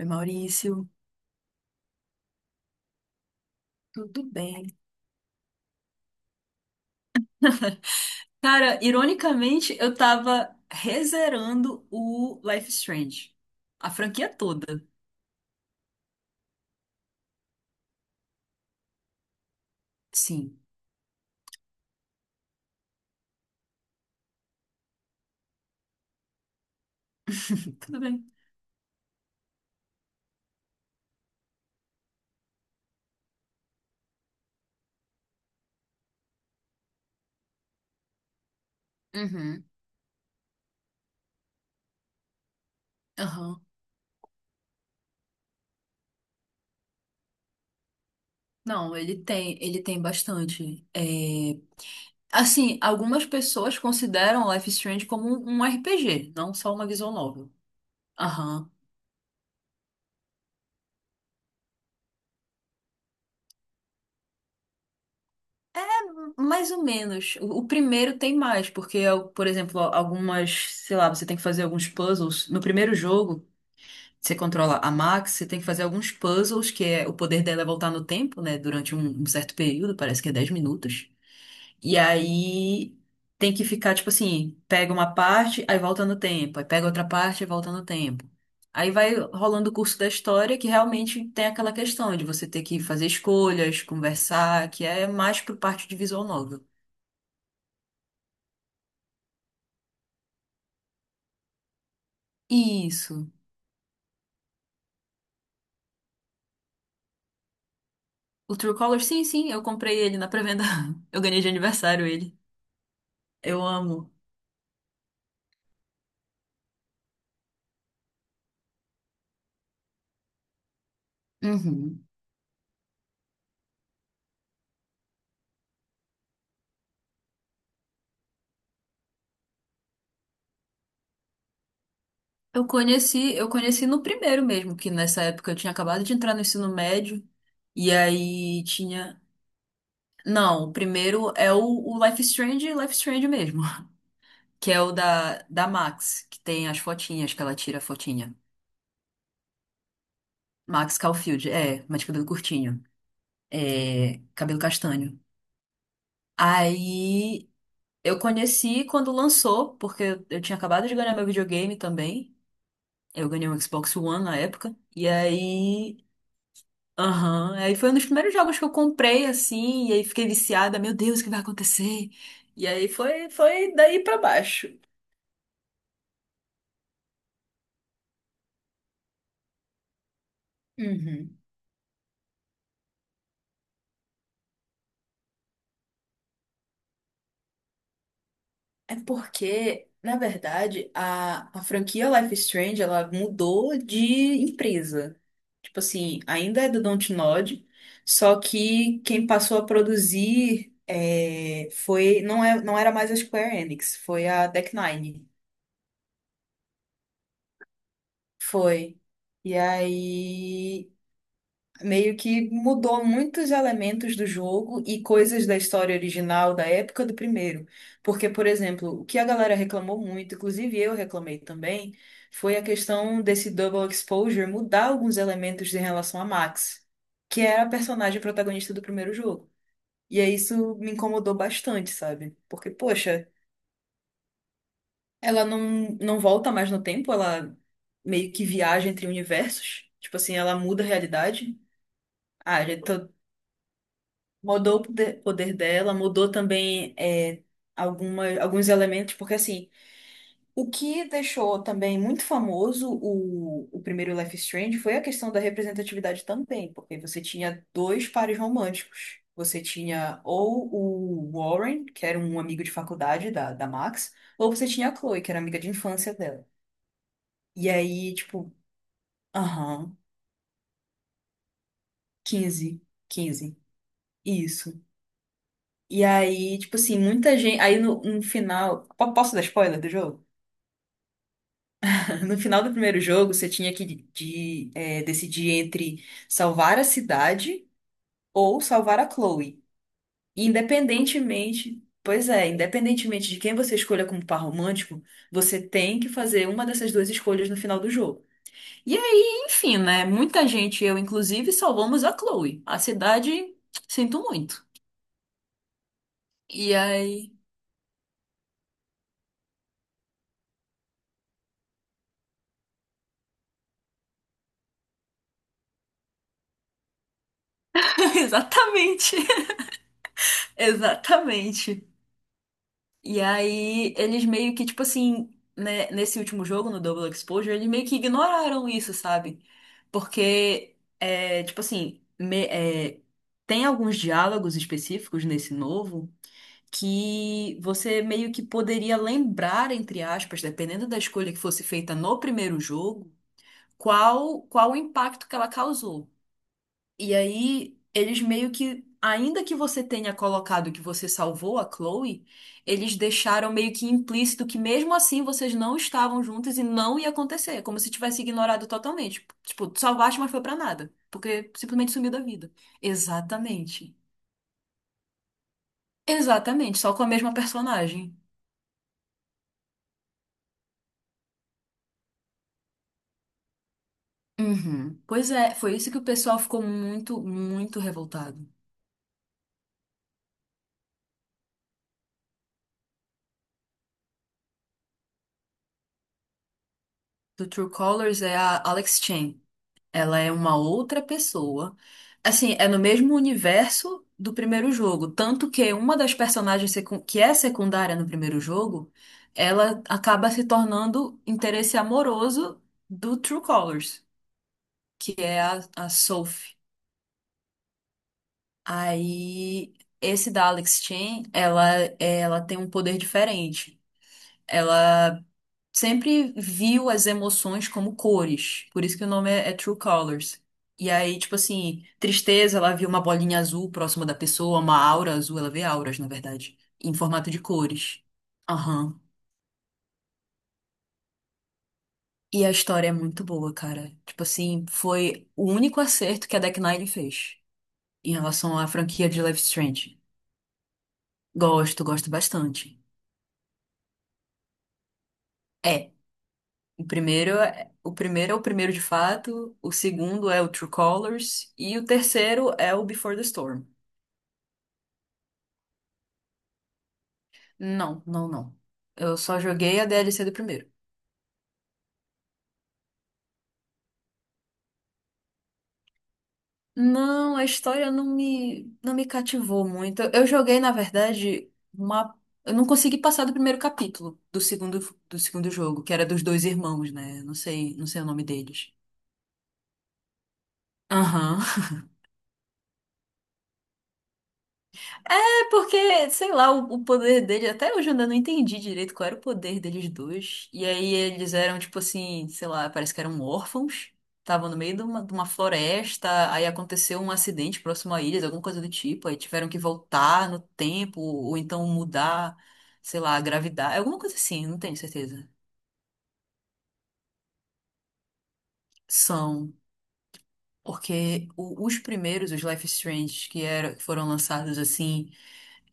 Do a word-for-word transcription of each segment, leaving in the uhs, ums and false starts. Oi, Maurício, tudo bem? Cara, ironicamente, eu tava rezerando o Life is Strange. A franquia toda. Sim. Tudo bem. Uhum, aham. Não, ele tem, ele tem bastante. É, Assim, algumas pessoas consideram Life is Strange como um, um R P G, não só uma visual novel. Aham. Mais ou menos. O, o primeiro tem mais, porque, por exemplo, algumas, sei lá, você tem que fazer alguns puzzles. No primeiro jogo, você controla a Max, você tem que fazer alguns puzzles, que é o poder dela é voltar no tempo, né? Durante um, um certo período, parece que é dez minutos. E aí tem que ficar, tipo assim, pega uma parte, aí volta no tempo, aí pega outra parte e volta no tempo. Aí vai rolando o curso da história que realmente tem aquela questão de você ter que fazer escolhas, conversar, que é mais pro parte de visual novel. Isso. O True Color, sim, sim, eu comprei ele na pré-venda. Eu ganhei de aniversário ele. Eu amo. Uhum. Eu conheci, eu conheci no primeiro mesmo, que nessa época eu tinha acabado de entrar no ensino médio, e aí tinha. Não, o primeiro é o, o Life is Strange, Life is Strange mesmo, que é o da, da Max, que tem as fotinhas que ela tira a fotinha. Max Caulfield, é, mas de cabelo curtinho, é, cabelo castanho. Aí eu conheci quando lançou, porque eu tinha acabado de ganhar meu videogame também. Eu ganhei um Xbox One na época. E aí aham, aí foi um dos primeiros jogos que eu comprei, assim, e aí fiquei viciada, meu Deus, o que vai acontecer? E aí foi, foi daí pra baixo. Uhum. É porque, na verdade, a, a franquia Life is Strange, ela mudou de empresa. Tipo assim, ainda é do Dontnod, só que quem passou a produzir é, foi, não é, não era mais a Square Enix, foi a Deck Nine. Foi. E aí meio que mudou muitos elementos do jogo e coisas da história original da época do primeiro. Porque, por exemplo, o que a galera reclamou muito, inclusive eu reclamei também, foi a questão desse double exposure mudar alguns elementos em relação a Max, que era a personagem protagonista do primeiro jogo. E aí isso me incomodou bastante, sabe? Porque, poxa, ela não, não volta mais no tempo, ela meio que viaja entre universos. Tipo assim, ela muda a realidade. Ah, já tô, mudou o poder poder dela, mudou também é, alguma, alguns elementos, porque assim, o que deixou também muito famoso o, o primeiro Life is Strange foi a questão da representatividade também, porque você tinha dois pares românticos. Você tinha ou o Warren, que era um amigo de faculdade da, da Max, ou você tinha a Chloe, que era amiga de infância dela. E aí, tipo, aham, quinze, quinze, isso. E aí, tipo assim, muita gente. Aí no, no final. po- Posso dar spoiler do jogo? No final do primeiro jogo, você tinha que de- é, decidir entre salvar a cidade ou salvar a Chloe. E independentemente. Pois é, independentemente de quem você escolha como par romântico, você tem que fazer uma dessas duas escolhas no final do jogo. E aí, enfim, né? Muita gente, eu inclusive, salvamos a Chloe. A cidade, sinto muito. E aí. Exatamente. Exatamente. E aí, eles meio que, tipo assim, né, nesse último jogo, no Double Exposure, eles meio que ignoraram isso, sabe? Porque, é, tipo assim, me- é, tem alguns diálogos específicos nesse novo que você meio que poderia lembrar, entre aspas, dependendo da escolha que fosse feita no primeiro jogo, qual, qual o impacto que ela causou. E aí, eles meio que, ainda que você tenha colocado que você salvou a Chloe, eles deixaram meio que implícito que mesmo assim vocês não estavam juntos e não ia acontecer, como se tivesse ignorado totalmente. Tipo, tu salvaste, mas foi pra nada, porque simplesmente sumiu da vida. Exatamente. Exatamente, só com a mesma personagem. Uhum. Pois é, foi isso que o pessoal ficou muito, muito revoltado. Do True Colors é a Alex Chen. Ela é uma outra pessoa. Assim, é no mesmo universo do primeiro jogo. Tanto que uma das personagens secu- que é secundária no primeiro jogo, ela acaba se tornando interesse amoroso do True Colors, que é a, a Sophie. Aí, esse da Alex Chen, ela, ela tem um poder diferente. Ela sempre viu as emoções como cores, por isso que o nome é, é True Colors. E aí, tipo assim, tristeza, ela viu uma bolinha azul próxima da pessoa, uma aura azul, ela vê auras, na verdade, em formato de cores. Aham. E a história é muito boa, cara. Tipo assim, foi o único acerto que a Deck Nine fez em relação à franquia de Life is Strange. Gosto, gosto bastante. É. O primeiro é o primeiro é o primeiro de fato, o segundo é o True Colors e o terceiro é o Before the Storm. Não, não, não. Eu só joguei a D L C do primeiro. Não, a história não me não me cativou muito. Eu eu joguei, na verdade, uma eu não consegui passar do primeiro capítulo do segundo do segundo jogo, que era dos dois irmãos, né? Não sei, não sei o nome deles. Aham. Porque, sei lá, o, o poder dele, até hoje eu ainda não entendi direito qual era o poder deles dois. E aí eles eram, tipo assim, sei lá, parece que eram órfãos, estavam no meio de uma, de uma floresta, aí aconteceu um acidente próximo a eles, alguma coisa do tipo, aí tiveram que voltar no tempo, ou então mudar, sei lá, a gravidade, alguma coisa assim, não tenho certeza. São, porque o- os primeiros, os Life is Strange, que era, que foram lançados assim.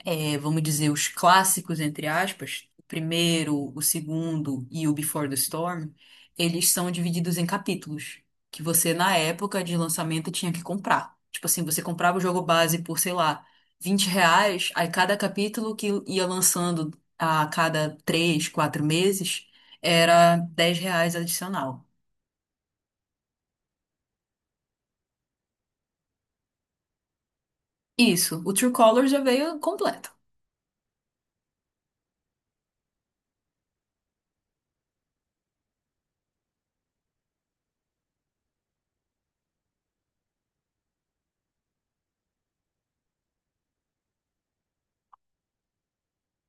É, vamos dizer, os clássicos, entre aspas, o primeiro, o segundo e o Before the Storm, eles são divididos em capítulos, que você, na época de lançamento, tinha que comprar. Tipo assim, você comprava o jogo base por, sei lá, vinte reais, aí cada capítulo que ia lançando a cada três, quatro meses, era dez reais adicional. Isso, o True Color já veio completo.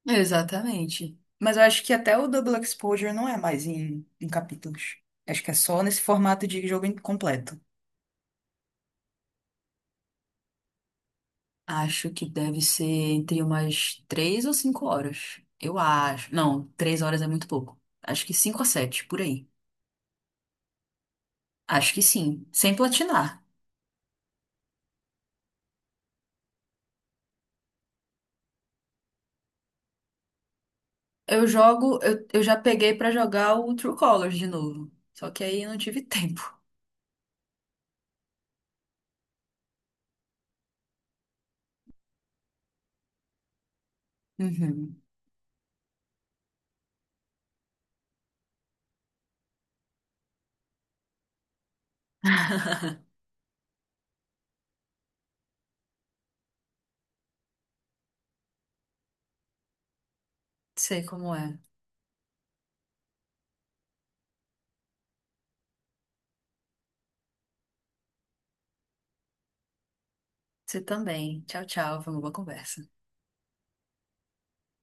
Exatamente. Mas eu acho que até o Double Exposure não é mais em, em capítulos. Acho que é só nesse formato de jogo in- completo. Acho que deve ser entre umas três ou cinco horas. Eu acho. Não, três horas é muito pouco. Acho que cinco a sete, por aí. Acho que sim, sem platinar. Eu jogo, eu, eu já peguei pra jogar o True Colors de novo. Só que aí eu não tive tempo. Uhum. Sei como é. Você também. Tchau, tchau. Foi uma boa conversa.